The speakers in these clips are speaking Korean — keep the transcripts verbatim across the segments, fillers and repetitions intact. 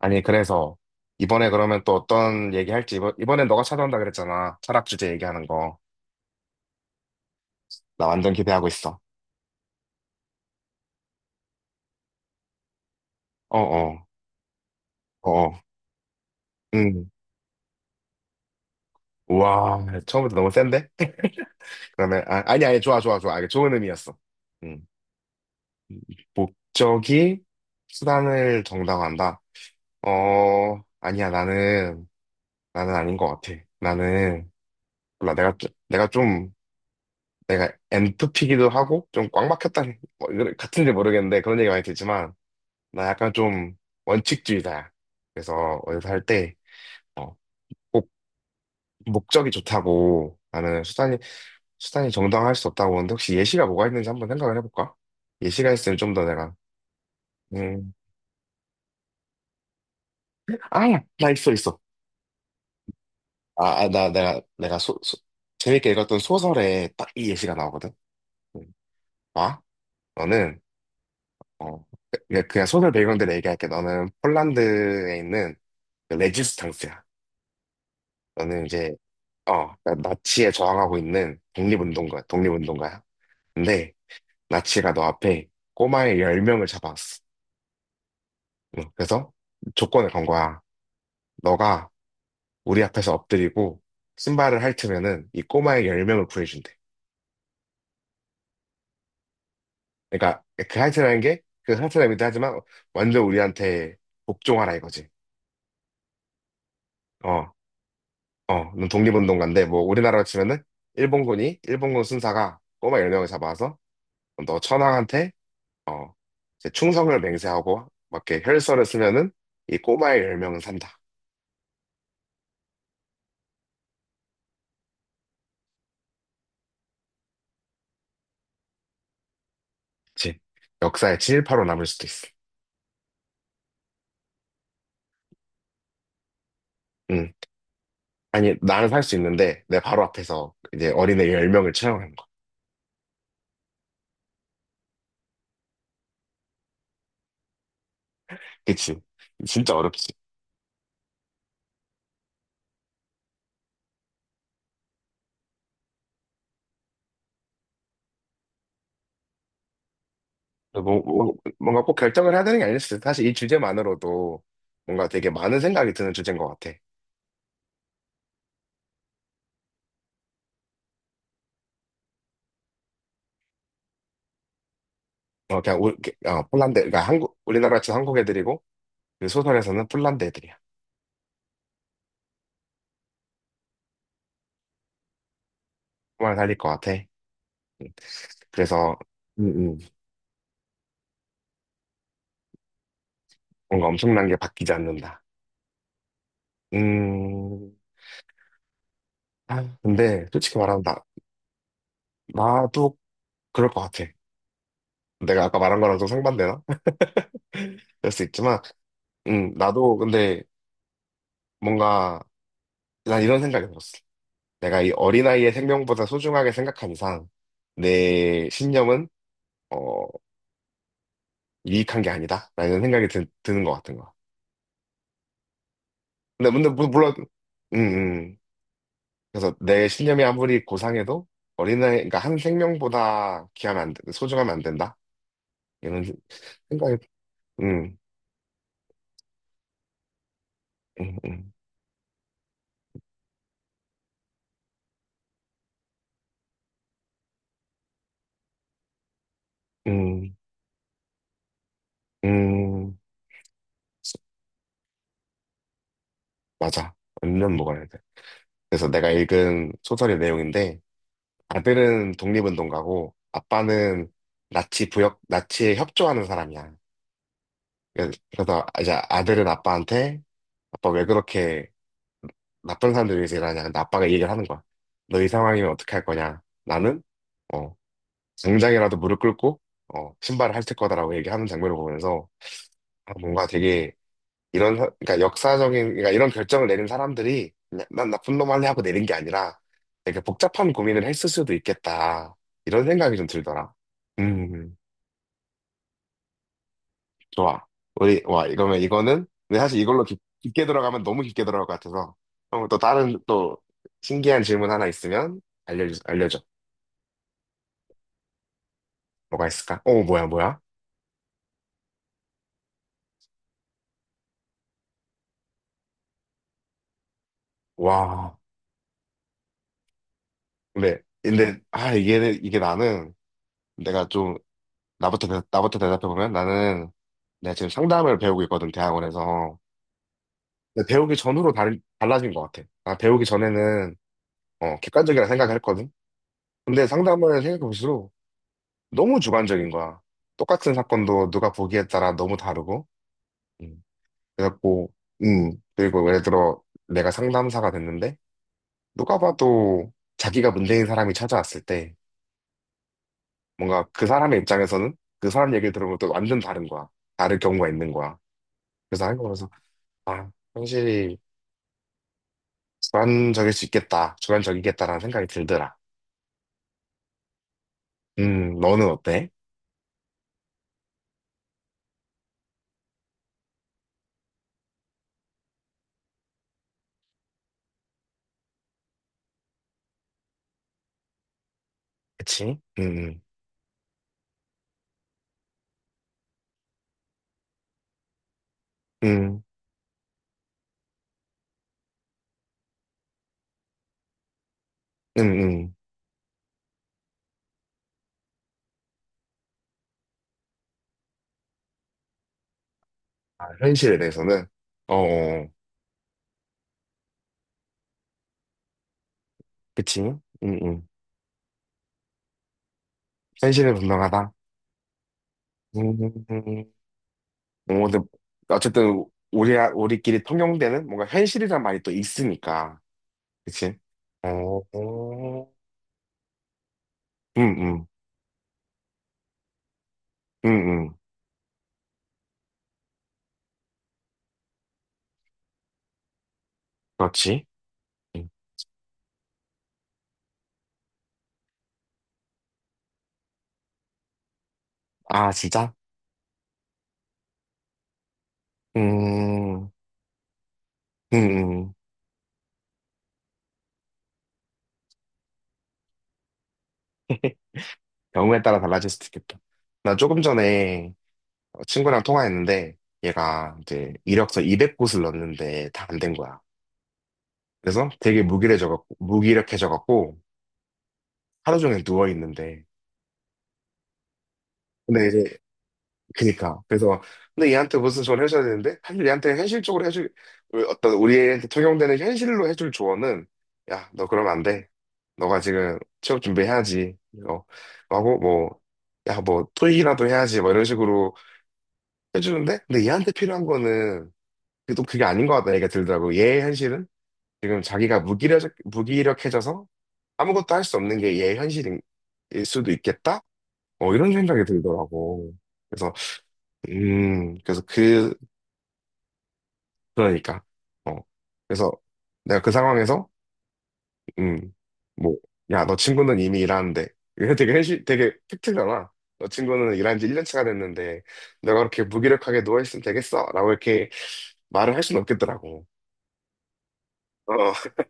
아니, 그래서 이번에 그러면 또 어떤 얘기 할지 이번, 이번엔 너가 찾아온다 그랬잖아. 철학 주제 얘기하는 거. 나 완전 기대하고 있어. 어어. 어어. 응. 우와, 처음부터 너무 센데? 그러면 아, 아니 아니 좋아 좋아 좋아. 이게 좋은 의미였어. 음. 목적이 수단을 정당화한다. 어, 아니야. 나는 나는 아닌 것 같아. 나는 몰라. 내가 좀- 내가 좀 내가 엔트피기도 하고 좀 꽉 막혔다. 뭐, 이거 같은지 모르겠는데 그런 얘기 많이 듣지만 나 약간 좀 원칙주의자야. 그래서 어디서 할 때, 어, 꼭 목적이 좋다고 나는 수단이, 수단이 정당할 수 없다고 하는데 혹시 예시가 뭐가 있는지 한번 생각을 해볼까? 예시가 있으면 좀 더 내가, 음, 아, 나 있어, 있어. 아, 아, 나, 내가, 내가 소, 소- 재밌게 읽었던 소설에 딱 이 예시가 나오거든. 음. 봐, 너는, 어, 그냥 그냥 소설 배경대로 얘기할게. 너는 폴란드에 있는 그 레지스탕스야. 저는 이제 어 나- 나치에 저항하고 있는 독립운동가 독립운동가야. 근데 나치가 너 앞에 꼬마의 열 명을 잡아왔어. 응, 그래서 조건을 건 거야. 너가 우리 앞에서 엎드리고 신발을 핥으면은 이 꼬마의 열 명을 구해준대. 그러니까 그 핥으라는 게 그 핥으라고도 하지만 완전 우리한테 복종하라 이거지. 어, 어, 넌 독립운동가인데 뭐 우리나라로 치면은 일본군이 일본군 순사가 꼬마 열 명을 잡아와서 너 천황한테 어, 이제 충성을 맹세하고 막 이렇게 혈서를 쓰면은 이 꼬마의 열명은 산다. 그치? 역사에 친일파로 남을 수도 있어. 응. 아니, 나는 살 수 있는데 내 바로 앞에서 이제 어린애 열명을 처형하는 거야. 그치? 진짜 어렵지. 뭐, 뭐- 뭔가 꼭 결정을 해야 되는 게 아니었어. 사실 이 주제만으로도 뭔가 되게 많은 생각이 드는 주제인 것 같아. 어, 그냥 우, 어, 폴란드, 그러니까 한국, 우리나라 치 한국 애들이고 그 소설에서는 폴란드 애들이야. 정말 살릴 것 같아. 그래서 음, 음. 뭔가 엄청난 게 바뀌지 않는다. 음, 근데 솔직히 말하면 나, 나도 그럴 것 같아. 내가 아까 말한 거랑 좀 상반되나? 그럴 수 있지만, 음, 나도 근데 뭔가 난 이런 생각이 들었어. 내가 이 어린아이의 생명보다 소중하게 생각한 이상 내 신념은 어, 유익한 게 아니다 라는 생각이 드, 는것 같은 거야. 근데, 근데 물- 물론, 음, 음. 그래서 내 신념이 아무리 고상해도 어린아이, 그러니까 한 생명보다 귀하면 안, 된- 소중하면 안 된다. 이런 생각이, 음. 음, 음, 음, 음. 맞아. 완전 먹어야 돼. 그래서 내가 읽은 소설의 내용인데, 아들은 독립운동가고, 아빠는 나치 부역, 나치에 협조하는 사람이야. 그래- 그래서 이제 아들은 아빠한테, 아빠 왜 그렇게 나쁜 사람들 위해서 일하냐. 근데 아빠가 이 얘기를 하는 거야. 너 이 상황이면 어떻게 할 거냐. 나는, 어, 당장이라도 무릎 꿇고, 어, 신발을 핥을 거다라고 얘기하는 장면을 보면서, 아, 뭔가 되게 이런 사- 그러니까 역사적인 그러니까 이런 결정을 내린 사람들이 그냥 난 나쁜 놈 할래 하고 내린 게 아니라 되게 복잡한 고민을 했을 수도 있겠다 이런 생각이 좀 들더라. 음, 좋아. 우리 와, 이러면 이거는 근데 사실 이걸로 깊, 게 들어가면 너무 깊게 들어갈 것 같아서 그럼 또 다른 또 신기한 질문 하나 있으면 알려주 알려줘. 뭐가 있을까? 어, 뭐야 뭐야. 와, 근데 근데 아 이게 이게 나는 내가 좀 나부터, 대- 나부터 대답해보면 나는 내가 지금 상담을 배우고 있거든, 대학원에서. 근데 배우기 전으로 달, 달라진 것 같아. 나 배우기 전에는 어, 객관적이라 생각했거든. 근데 상담을 생각해볼수록 너무 주관적인 거야. 똑같은 사건도 누가 보기에 따라 너무 다르고. 음. 그래갖고, 음. 그리고 예를 들어 내가 상담사가 됐는데 누가 봐도 자기가 문제인 사람이 찾아왔을 때 뭔가 그 사람의 입장에서는 그 사람 얘기를 들으면 또 완전 다른 거야. 다를 경우가 있는 거야. 그래서 한국에서 아, 확실히 주관적일 수 있겠다. 주관적이겠다라는 생각이 들더라. 음, 너는 어때? 그치? 음, 음, 음, 음. 음. 아, 현실에 대해서는? 어, 어, 어. 그치? 음, 음. 현실은 분명하다. 음, 음. 어, 근데 어쨌든 우리, 우리끼리 통용되는 뭔가 현실이란 말이 또 있으니까. 그치? 어, 어. 음, 음, 음, 음. 그렇지. 음. 아, 진짜? 음, 음, 음. 경우에 따라 달라질 수도 있겠다. 나 조금 전에 친구랑 통화했는데 얘가 이제 이력서 이백 곳을 넣었는데 다 안 된 거야. 그래서 되게 무기력해져갖고 무기력해져갖고 하루 종일 누워 있는데 근데 이제 그니까 그래서 근데 얘한테 무슨 조언을 해줘야 되는데 사실 얘한테 현실적으로 해줄 우리 어떤 우리한테 적용되는 현실로 해줄 조언은 야 너 그러면 안 돼. 너가 지금 취업 준비해야지. 어, 하고 뭐 야 뭐 토익이라도 해야지 뭐 이런 식으로 해주는데 근데 얘한테 필요한 거는 그게 또 그게 아닌 것 같다 얘기가 들더라고. 얘의 현실은 지금 자기가 무기력 무기력해져서 아무것도 할 수 없는 게 얘의 현실일 수도 있겠다. 어, 이런 생각이 들더라고. 그래서 음, 그래서 그 그러니까 어 그래서 내가 그 상황에서 음뭐야 너 친구는 이미 일하는데 이게 되게 현실 되게 팩트잖아. 너 친구는 일한 지 일 년 차가 됐는데 내가 그렇게 무기력하게 누워있으면 되겠어 라고 이렇게 말을 할 수는 없겠더라고. 어,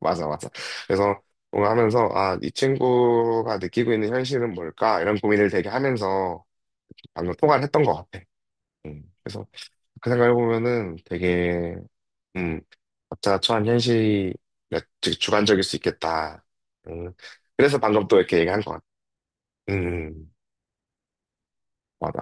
맞아, 맞아. 그래서 뭔가 하면서, 아, 이 친구가 느끼고 있는 현실은 뭘까? 이런 고민을 되게 하면서 방금 통화를 했던 것 같아. 음, 그래서 그 생각해보면은 되게, 음, 각자 처한 현실이 즉 주관적일 수 있겠다. 음, 그래서 방금 또 이렇게 얘기한 것 같아. 음, 음, 맞아.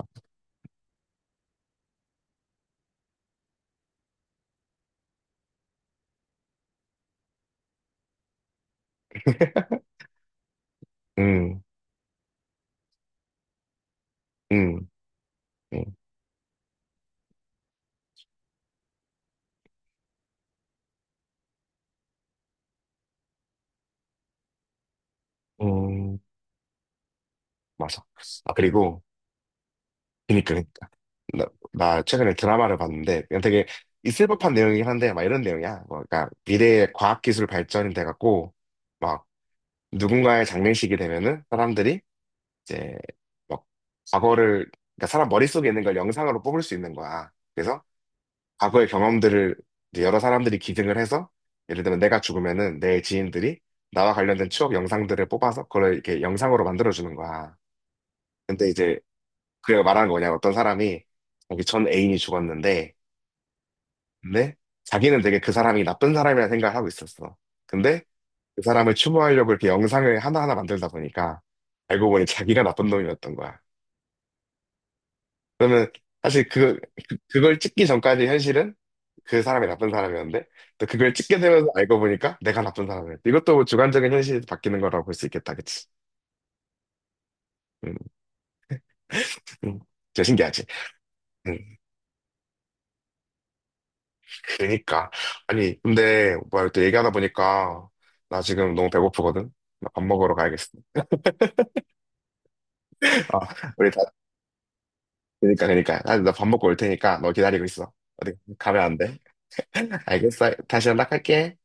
음, 음, 음, 음, 맞아. 아, 그리고, 그니까, 그니까. 나, 나 최근에 드라마를 봤는데, 그냥 되게 있을 법한 내용이긴 한데, 막 이런 내용이야. 뭐, 그러니까 미래의 과학기술 발전이 돼갖고, 막 누군가의 장례식이 되면은 사람들이 이제 막 과거를, 그러니까 사람 머릿속에 있는 걸 영상으로 뽑을 수 있는 거야. 그래서 과거의 경험들을 이제 여러 사람들이 기증을 해서, 예를 들면 내가 죽으면은 내 지인들이 나와 관련된 추억 영상들을 뽑아서 그걸 이렇게 영상으로 만들어주는 거야. 근데 이제 그 말하는 거냐냥 어떤 사람이 자기 전 애인이 죽었는데 근데 자기는 되게 그 사람이 나쁜 사람이라 생각을 하고 있었어. 근데 그 사람을 추모하려고 이렇게 영상을 하나하나 만들다 보니까 알고 보니 자기가 나쁜 놈이었던 거야. 그러면 사실 그, 그- 그걸 찍기 전까지 현실은 그 사람이 나쁜 사람이었는데 또 그걸 찍게 되면서 알고 보니까 내가 나쁜 사람이었어. 이것도 뭐 주관적인 현실이 바뀌는 거라고 볼 수 있겠다, 그치? 음, 음. 진짜 신기하지? 음. 그니까. 아니, 근데 오빠 이렇게 얘기하다 보니까 나 지금 너무 배고프거든? 나 밥 먹으러 가야겠어. 아, 우리 다, 그니까, 그니까. 나 밥 먹고 올 테니까 너 기다리고 있어. 어디 가면 안 돼? 알겠어. 다시 연락할게.